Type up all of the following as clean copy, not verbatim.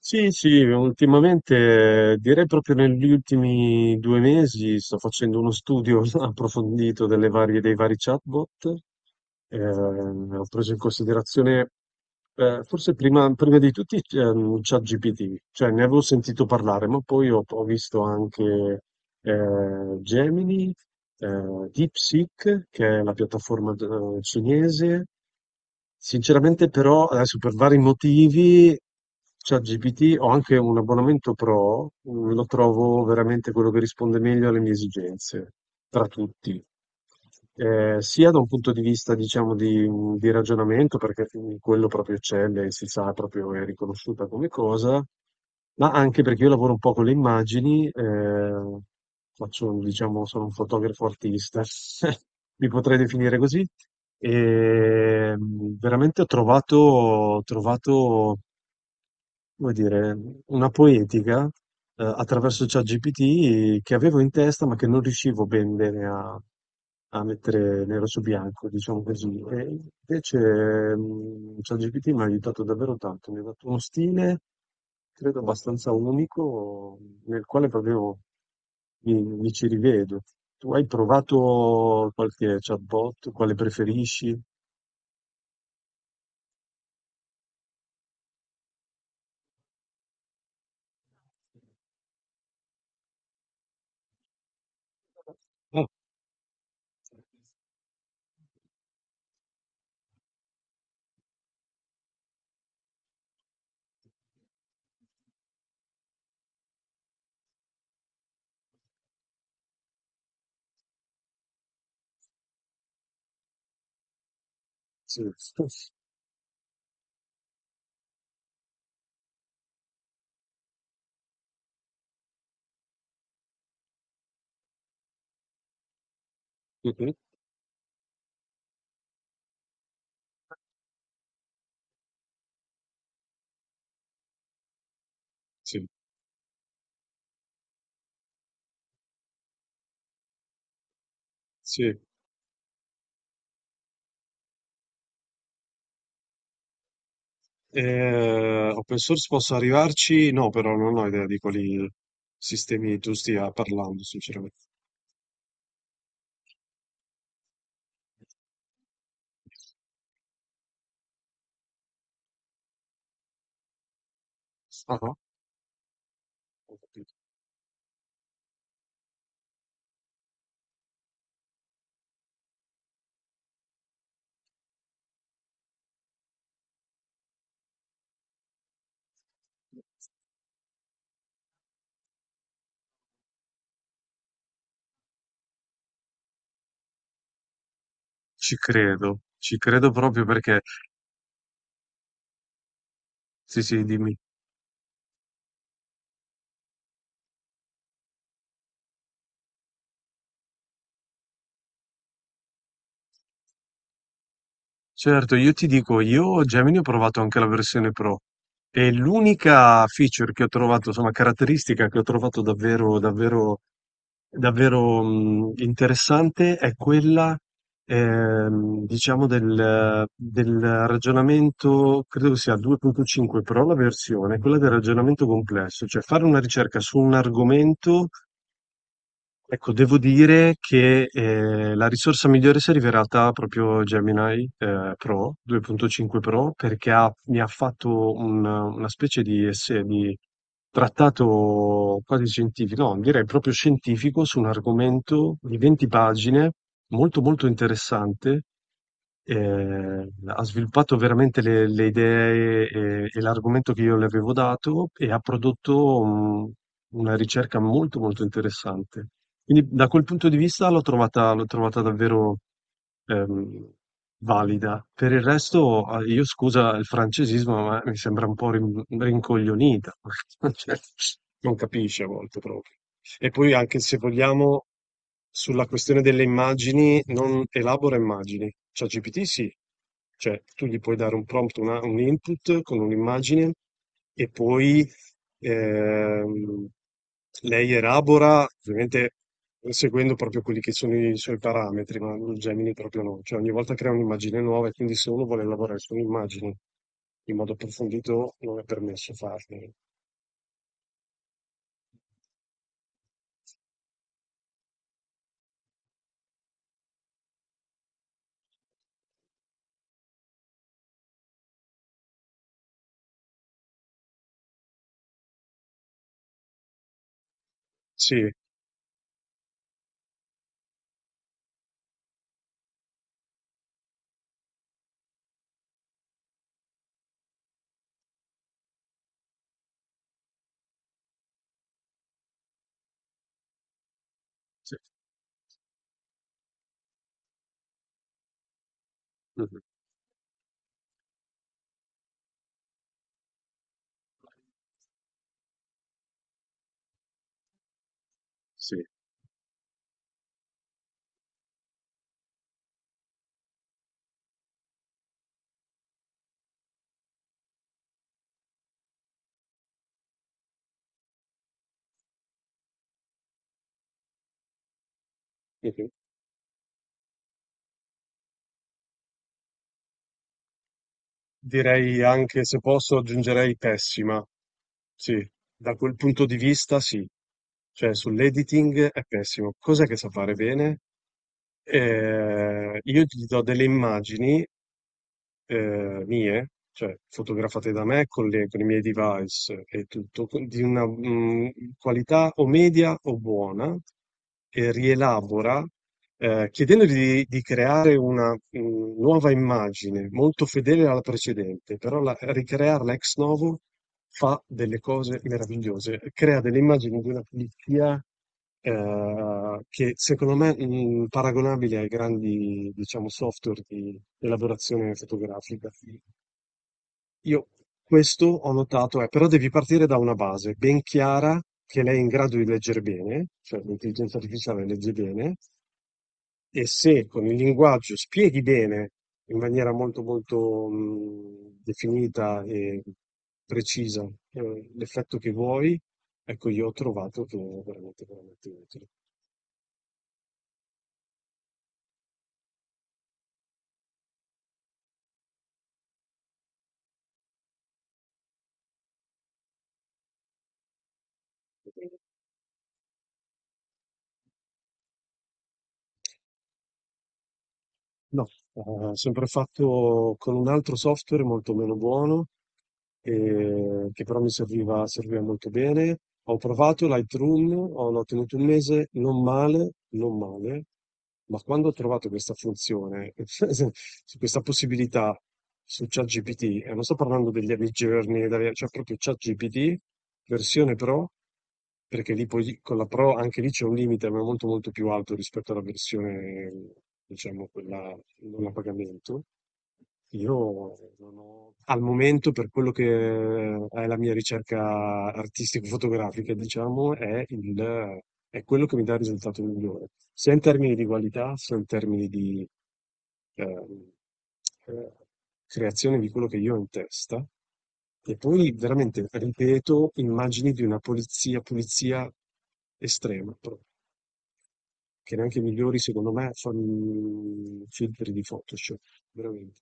Sì, sì, ultimamente direi proprio negli ultimi 2 mesi sto facendo uno studio approfondito dei vari chatbot. Ho preso in considerazione, forse prima di tutti, ChatGPT, cioè ne avevo sentito parlare, ma poi ho visto anche Gemini, DeepSeek, che è la piattaforma cinese. Sinceramente, però, adesso per vari motivi, ChatGPT, ho anche un abbonamento Pro, lo trovo veramente quello che risponde meglio alle mie esigenze, tra tutti. Sia da un punto di vista diciamo di ragionamento perché, quello proprio eccelle, si sa proprio è riconosciuta come cosa, ma anche perché io lavoro un po' con le immagini, faccio diciamo sono un fotografo artista, mi potrei definire così. Veramente ho trovato come dire, una poetica, attraverso ChatGPT che avevo in testa, ma che non riuscivo ben bene a mettere nero su bianco, diciamo così. E invece, ChatGPT mi ha aiutato davvero tanto, mi ha dato uno stile, credo abbastanza unico, nel quale proprio mi ci rivedo. Tu hai provato qualche chatbot? Quale preferisci? Oh. Sì. Mh-mh. Sì, sì. Open source posso arrivarci? No, però non ho idea di quali sistemi tu stia parlando, sinceramente. Ah-ah, ho capito. Ci credo proprio perché sì, sì, dimmi. Certo, io ti dico, io Gemini ho provato anche la versione Pro e l'unica feature che ho trovato, insomma caratteristica che ho trovato davvero, davvero, interessante è quella, diciamo del ragionamento credo che sia 2.5 Pro la versione, quella del ragionamento complesso, cioè fare una ricerca su un argomento. Ecco, devo dire che la risorsa migliore si è rivelata proprio Gemini, Pro 2.5 Pro perché mi ha fatto una specie di, di trattato quasi scientifico, no, direi proprio scientifico su un argomento di 20 pagine, molto molto interessante. Ha sviluppato veramente le idee e l'argomento che io le avevo dato e ha prodotto una ricerca molto molto interessante. Quindi da quel punto di vista l'ho trovata davvero, ehm, valida. Per il resto, io scusa il francesismo, ma mi sembra un po' rincoglionita. Cioè, non capisce a volte proprio. E poi anche se vogliamo, sulla questione delle immagini, non elabora immagini. ChatGPT sì, cioè tu gli puoi dare un prompt, un input con un'immagine e poi ehm, lei elabora, ovviamente seguendo proprio quelli che sono i suoi parametri, ma il Gemini proprio no, cioè ogni volta crea un'immagine nuova e quindi se uno vuole lavorare su un'immagine in modo approfondito non è permesso farlo. Sì. Sì. Mhm, sì. Mhm. Direi anche, se posso, aggiungerei pessima. Sì, da quel punto di vista sì. Cioè, sull'editing è pessimo. Cos'è che sa fare bene? Io gli do delle immagini mie, cioè fotografate da me con con i miei device e tutto, di una qualità o media o buona, e rielabora, chiedendogli di creare una nuova immagine molto fedele alla precedente, però ricrearla ex novo fa delle cose meravigliose, crea delle immagini di una pulizia che secondo me paragonabile ai grandi, diciamo, software di elaborazione fotografica. Io questo ho notato, è, però devi partire da una base ben chiara che lei è in grado di leggere bene, cioè l'intelligenza artificiale legge bene, e se con il linguaggio spieghi bene in maniera molto molto definita e precisa, l'effetto che vuoi, ecco, io ho trovato che è veramente veramente utile. No, ho sempre fatto con un altro software molto meno buono, che però mi serviva molto bene. Ho provato Lightroom, ho l'ho tenuto un mese, non male, non male, ma quando ho trovato questa funzione, su questa possibilità su ChatGPT, e non sto parlando degli Midjourney, cioè proprio ChatGPT, versione Pro, perché lì poi con la Pro anche lì c'è un limite, ma è molto molto più alto rispetto alla versione, diciamo, quella non a pagamento. Io non ho- al momento, per quello che è la mia ricerca artistico-fotografica, diciamo, è quello che mi dà il risultato migliore, sia in termini di qualità, sia in termini di, ehm, ehm, creazione di quello che io ho in testa. E poi veramente ripeto immagini di una pulizia estrema, proprio, che neanche i migliori, secondo me, fanno filtri di Photoshop, veramente,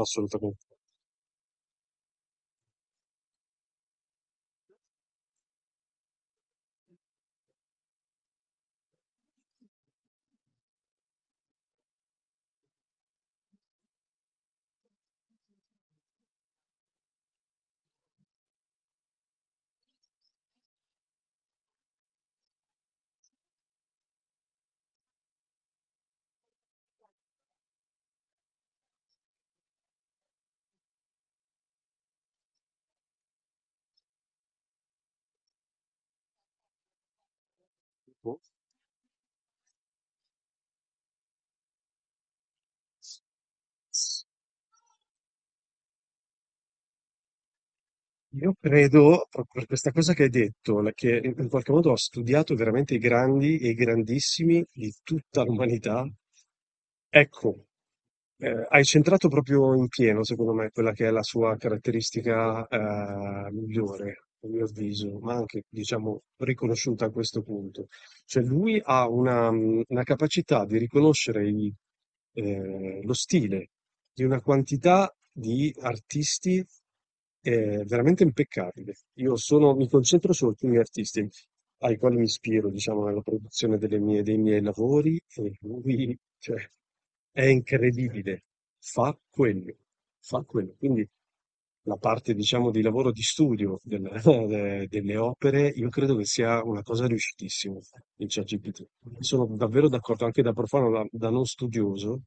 assolutamente. Boh. Io credo, proprio per questa cosa che hai detto, che in qualche modo ha studiato veramente i grandi e i grandissimi di tutta l'umanità, ecco, hai centrato proprio in pieno, secondo me, quella che è la sua caratteristica, migliore, a mio avviso, ma anche, diciamo, riconosciuta a questo punto. Cioè lui ha una capacità di riconoscere lo stile di una quantità di artisti, veramente impeccabile. Io mi concentro su alcuni artisti ai quali mi ispiro, diciamo, nella produzione dei miei lavori e lui, cioè, è incredibile. Fa quello, fa quello. Quindi. La parte diciamo di lavoro di studio del de delle opere, io credo che sia una cosa riuscitissima il ChatGPT. Sono davvero d'accordo, anche da profano, da non studioso.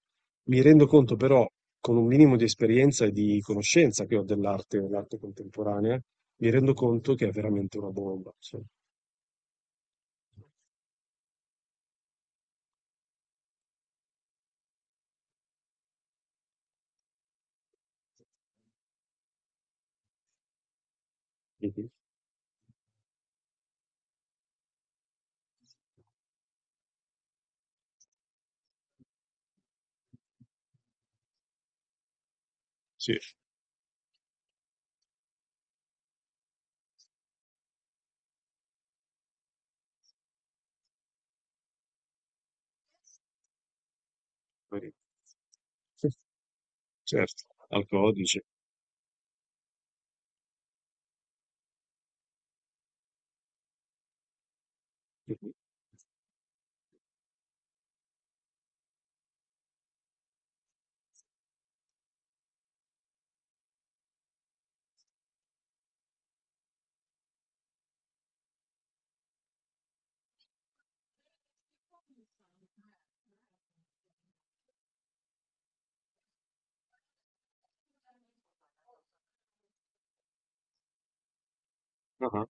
Mi rendo conto però, con un minimo di esperienza e di conoscenza che ho dell'arte, dell'arte contemporanea, mi rendo conto che è veramente una bomba. Cioè. Mhm. Sì, vero. Certo, al codice. Mhm. Ah-ah,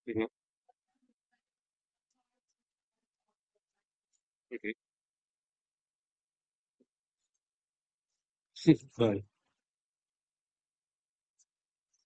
ottimo. Mh-mh.